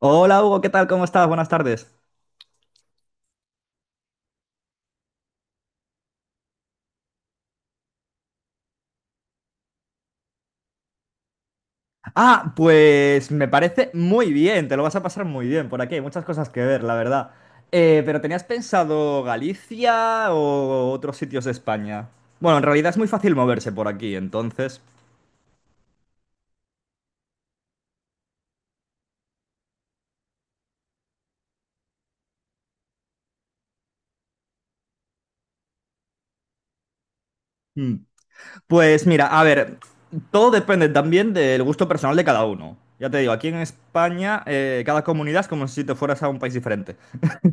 Hola Hugo, ¿qué tal? ¿Cómo estás? Buenas tardes. Ah, pues me parece muy bien, te lo vas a pasar muy bien por aquí, hay muchas cosas que ver, la verdad. Pero ¿tenías pensado Galicia o otros sitios de España? Bueno, en realidad es muy fácil moverse por aquí, entonces. Mm. Pues mira, a ver, todo depende también del gusto personal de cada uno. Ya te digo, aquí en España cada comunidad es como si te fueras a un país diferente.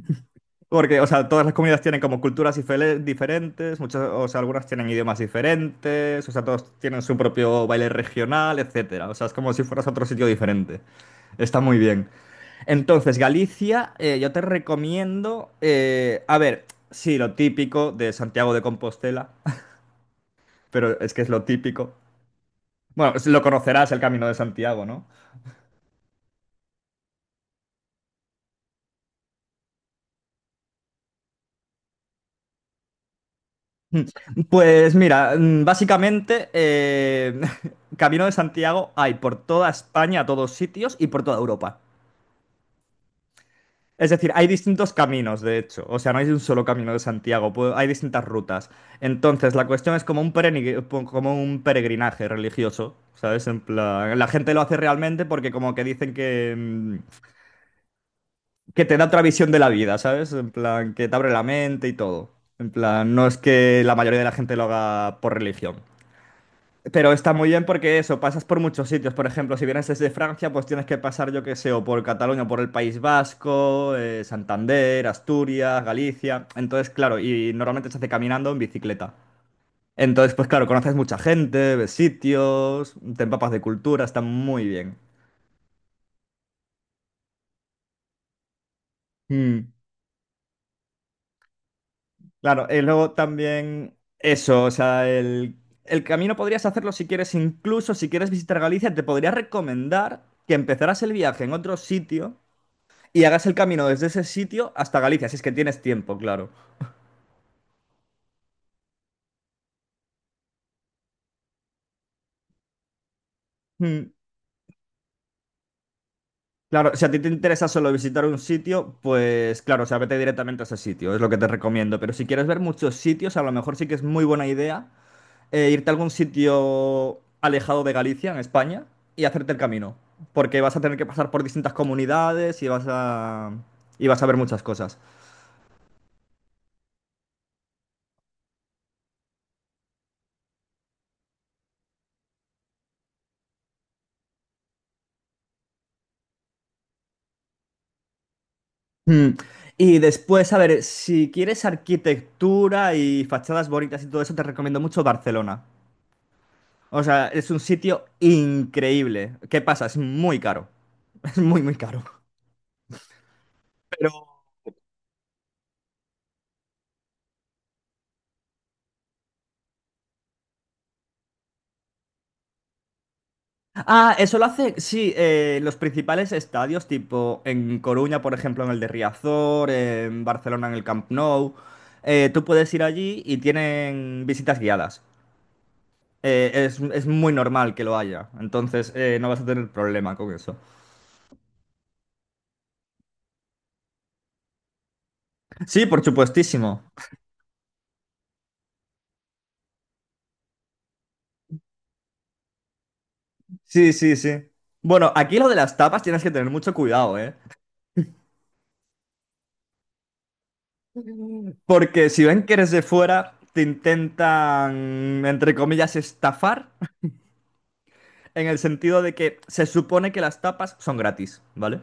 Porque, o sea, todas las comunidades tienen como culturas diferentes, muchas, o sea, algunas tienen idiomas diferentes, o sea, todos tienen su propio baile regional, etcétera. O sea, es como si fueras a otro sitio diferente. Está muy bien. Entonces, Galicia, yo te recomiendo, a ver, sí, lo típico de Santiago de Compostela, pero es que es lo típico. Bueno, lo conocerás el Camino de Santiago, ¿no? Pues mira, básicamente, Camino de Santiago hay por toda España, a todos sitios y por toda Europa. Es decir, hay distintos caminos, de hecho. O sea, no hay un solo camino de Santiago, hay distintas rutas. Entonces, la cuestión es como un peregrinaje religioso, ¿sabes? En plan, la gente lo hace realmente porque como que dicen que, que te da otra visión de la vida, ¿sabes? En plan, que te abre la mente y todo. En plan, no es que la mayoría de la gente lo haga por religión. Pero está muy bien porque eso, pasas por muchos sitios. Por ejemplo, si vienes desde Francia, pues tienes que pasar, yo qué sé, o por Cataluña, o por el País Vasco, Santander, Asturias, Galicia. Entonces, claro, y normalmente se hace caminando o en bicicleta. Entonces, pues claro, conoces mucha gente, ves sitios, te empapas de cultura, está muy bien. Mm. Claro, y luego también eso, o sea, el camino podrías hacerlo si quieres, incluso si quieres visitar Galicia, te podría recomendar que empezaras el viaje en otro sitio y hagas el camino desde ese sitio hasta Galicia, si es que tienes tiempo, claro. Mm. Claro, si a ti te interesa solo visitar un sitio, pues claro, o sea, vete directamente a ese sitio, es lo que te recomiendo. Pero si quieres ver muchos sitios, a lo mejor sí que es muy buena idea irte a algún sitio alejado de Galicia, en España, y hacerte el camino. Porque vas a tener que pasar por distintas comunidades y y vas a ver muchas cosas. Mm. Y después, a ver, si quieres arquitectura y fachadas bonitas y todo eso, te recomiendo mucho Barcelona. O sea, es un sitio increíble. ¿Qué pasa? Es muy caro. Es muy, muy caro. Pero. Ah, eso lo hace, sí, los principales estadios, tipo en Coruña, por ejemplo, en el de Riazor, en Barcelona, en el Camp Nou. Tú puedes ir allí y tienen visitas guiadas. Es muy normal que lo haya, entonces no vas a tener problema con eso. Sí, por supuestísimo. Sí, sí, sí. Bueno, aquí lo de las tapas tienes que tener mucho cuidado, ¿eh? Porque si ven que eres de fuera, te intentan, entre comillas, estafar, en el sentido de que se supone que las tapas son gratis, ¿vale?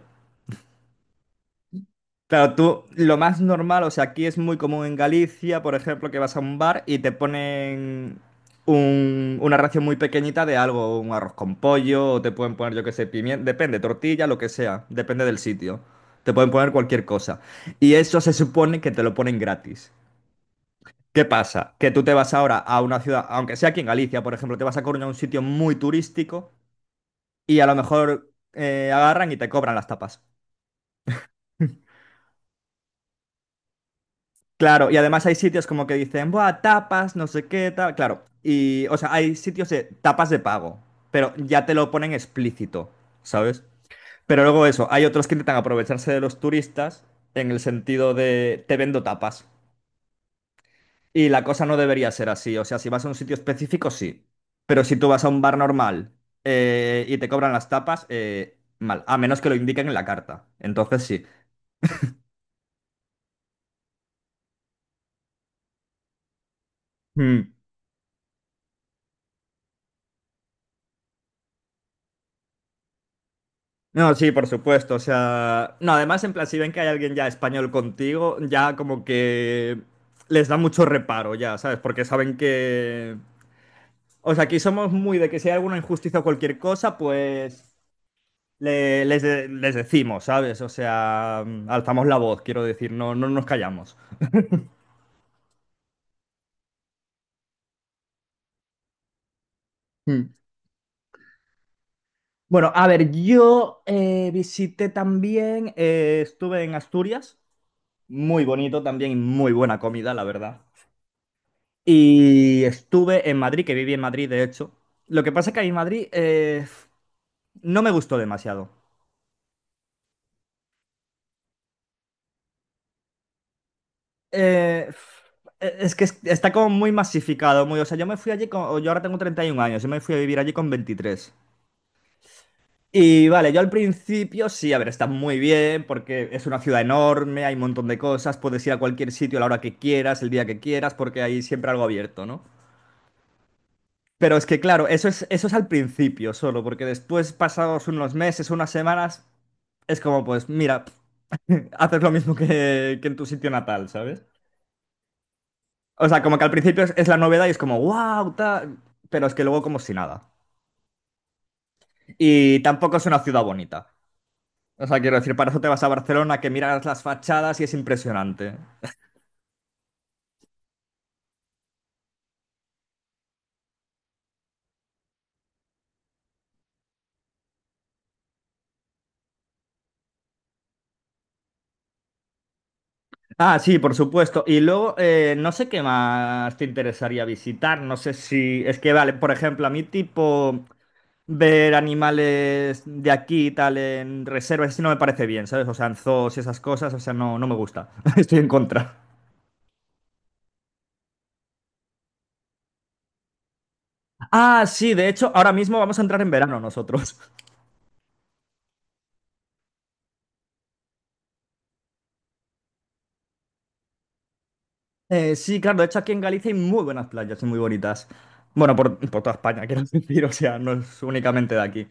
Claro, tú, lo más normal, o sea, aquí es muy común en Galicia, por ejemplo, que vas a un bar y te ponen una ración muy pequeñita de algo, un arroz con pollo, o te pueden poner, yo qué sé, pimiento, depende, tortilla, lo que sea, depende del sitio. Te pueden poner cualquier cosa. Y eso se supone que te lo ponen gratis. ¿Qué pasa? Que tú te vas ahora a una ciudad, aunque sea aquí en Galicia, por ejemplo, te vas a Coruña, a un sitio muy turístico y a lo mejor agarran y te cobran las tapas. Claro, y además hay sitios como que dicen, buah, tapas, no sé qué, tal. Claro, y, o sea, hay sitios de tapas de pago, pero ya te lo ponen explícito, ¿sabes? Pero luego eso, hay otros que intentan aprovecharse de los turistas en el sentido de, te vendo tapas. Y la cosa no debería ser así. O sea, si vas a un sitio específico, sí. Pero si tú vas a un bar normal y te cobran las tapas, mal. A menos que lo indiquen en la carta. Entonces sí. Mm. No, sí, por supuesto. O sea. No, además, en plan, si ven que hay alguien ya español contigo, ya como que les da mucho reparo, ya, ¿sabes? Porque saben que. O sea, aquí somos muy de que si hay alguna injusticia o cualquier cosa, pues les decimos, ¿sabes? O sea, alzamos la voz, quiero decir, no, no nos callamos. Mm. Bueno, a ver, yo visité también, estuve en Asturias, muy bonito también, y muy buena comida, la verdad. Y estuve en Madrid, que viví en Madrid, de hecho. Lo que pasa es que a Madrid no me gustó demasiado. Eh, es que está como muy masificado, muy, o sea, yo me fui allí con, yo ahora tengo 31 años, yo me fui a vivir allí con 23. Y vale, yo al principio sí, a ver, está muy bien porque es una ciudad enorme, hay un montón de cosas, puedes ir a cualquier sitio a la hora que quieras, el día que quieras, porque hay siempre algo abierto, ¿no? Pero es que claro, eso es al principio solo, porque después, pasados unos meses, unas semanas, es como pues, mira, haces lo mismo que en tu sitio natal, ¿sabes? O sea, como que al principio es la novedad y es como, wow, tal, pero es que luego como si nada. Y tampoco es una ciudad bonita. O sea, quiero decir, para eso te vas a Barcelona, que miras las fachadas y es impresionante. Ah, sí, por supuesto. Y luego, no sé qué más te interesaría visitar. No sé si. Es que, vale, por ejemplo, a mí, tipo, ver animales de aquí y tal en reservas, eso no me parece bien, ¿sabes? O sea, en zoos y esas cosas, o sea, no, no me gusta. Estoy en contra. Ah, sí, de hecho, ahora mismo vamos a entrar en verano nosotros. Sí, claro, de hecho aquí en Galicia hay muy buenas playas y muy bonitas. Bueno, por toda España, quiero decir, o sea, no es únicamente de aquí.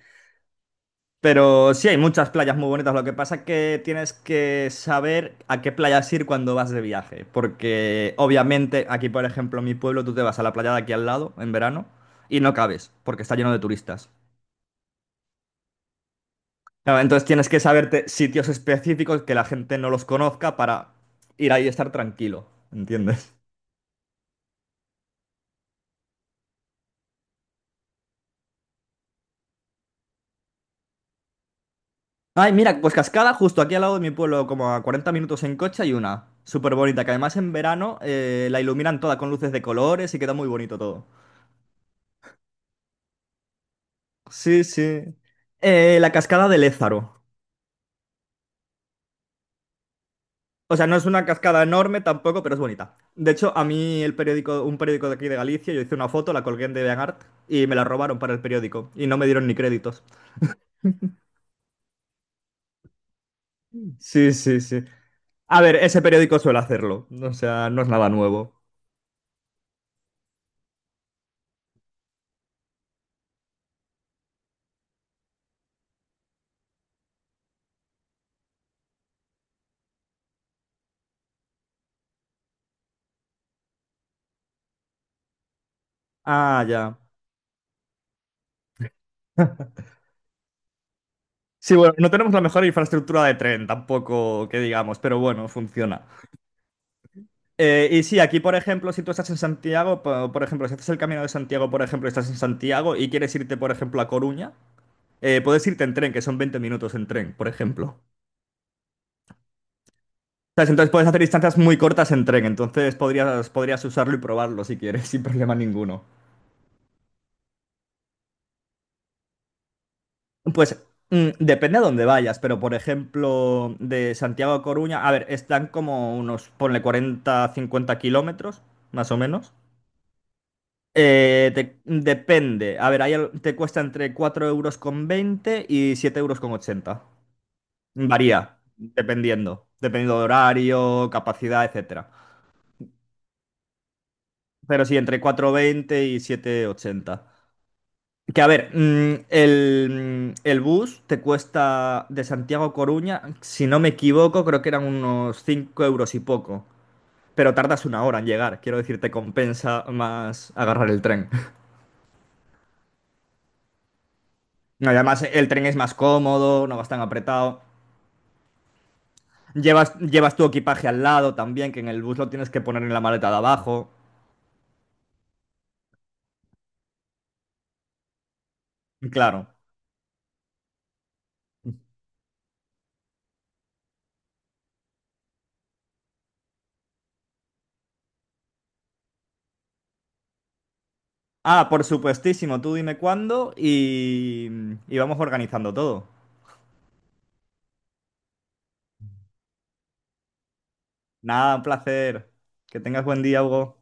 Pero sí hay muchas playas muy bonitas, lo que pasa es que tienes que saber a qué playas ir cuando vas de viaje, porque obviamente aquí, por ejemplo, en mi pueblo, tú te vas a la playa de aquí al lado en verano y no cabes, porque está lleno de turistas. Claro, entonces tienes que saberte sitios específicos que la gente no los conozca para ir ahí y estar tranquilo, ¿entiendes? Ay, mira, pues Cascada, justo aquí al lado de mi pueblo, como a 40 minutos en coche, hay una. Súper bonita, que además en verano la iluminan toda con luces de colores y queda muy bonito todo. Sí, sí. La cascada de Lézaro. O sea, no es una cascada enorme tampoco, pero es bonita. De hecho, a mí el periódico, un periódico de aquí de Galicia, yo hice una foto, la colgué en DeviantArt y me la robaron para el periódico y no me dieron ni créditos. Sí, sí, sí. A ver, ese periódico suele hacerlo. O sea, no es nada nuevo. Ah, ya. Sí, bueno, no tenemos la mejor infraestructura de tren tampoco, que digamos, pero bueno, funciona. Y sí, aquí, por ejemplo, si tú estás en Santiago, por, ejemplo, si haces el Camino de Santiago, por ejemplo, estás en Santiago y quieres irte, por ejemplo, a Coruña, puedes irte en tren, que son 20 minutos en tren, por ejemplo. ¿Sabes? Entonces puedes hacer distancias muy cortas en tren, entonces podrías usarlo y probarlo si quieres, sin problema ninguno. Pues depende a dónde vayas, pero por ejemplo, de Santiago a Coruña, a ver, están como unos, ponle 40, 50 kilómetros, más o menos. Depende. A ver, te cuesta entre 4,20 € y 7,80 € Varía, dependiendo. Dependiendo de horario, capacidad, etcétera. Pero sí, entre 4,20 y 7,80. Que a ver, el bus te cuesta de Santiago a Coruña, si no me equivoco, creo que eran unos 5 € y poco. Pero tardas una hora en llegar. Quiero decir, te compensa más agarrar el tren. Además, el tren es más cómodo, no vas tan apretado. Llevas tu equipaje al lado también, que en el bus lo tienes que poner en la maleta de abajo. Claro. Ah, por supuestísimo, tú dime cuándo y vamos organizando todo. Nada, un placer. Que tengas buen día, Hugo.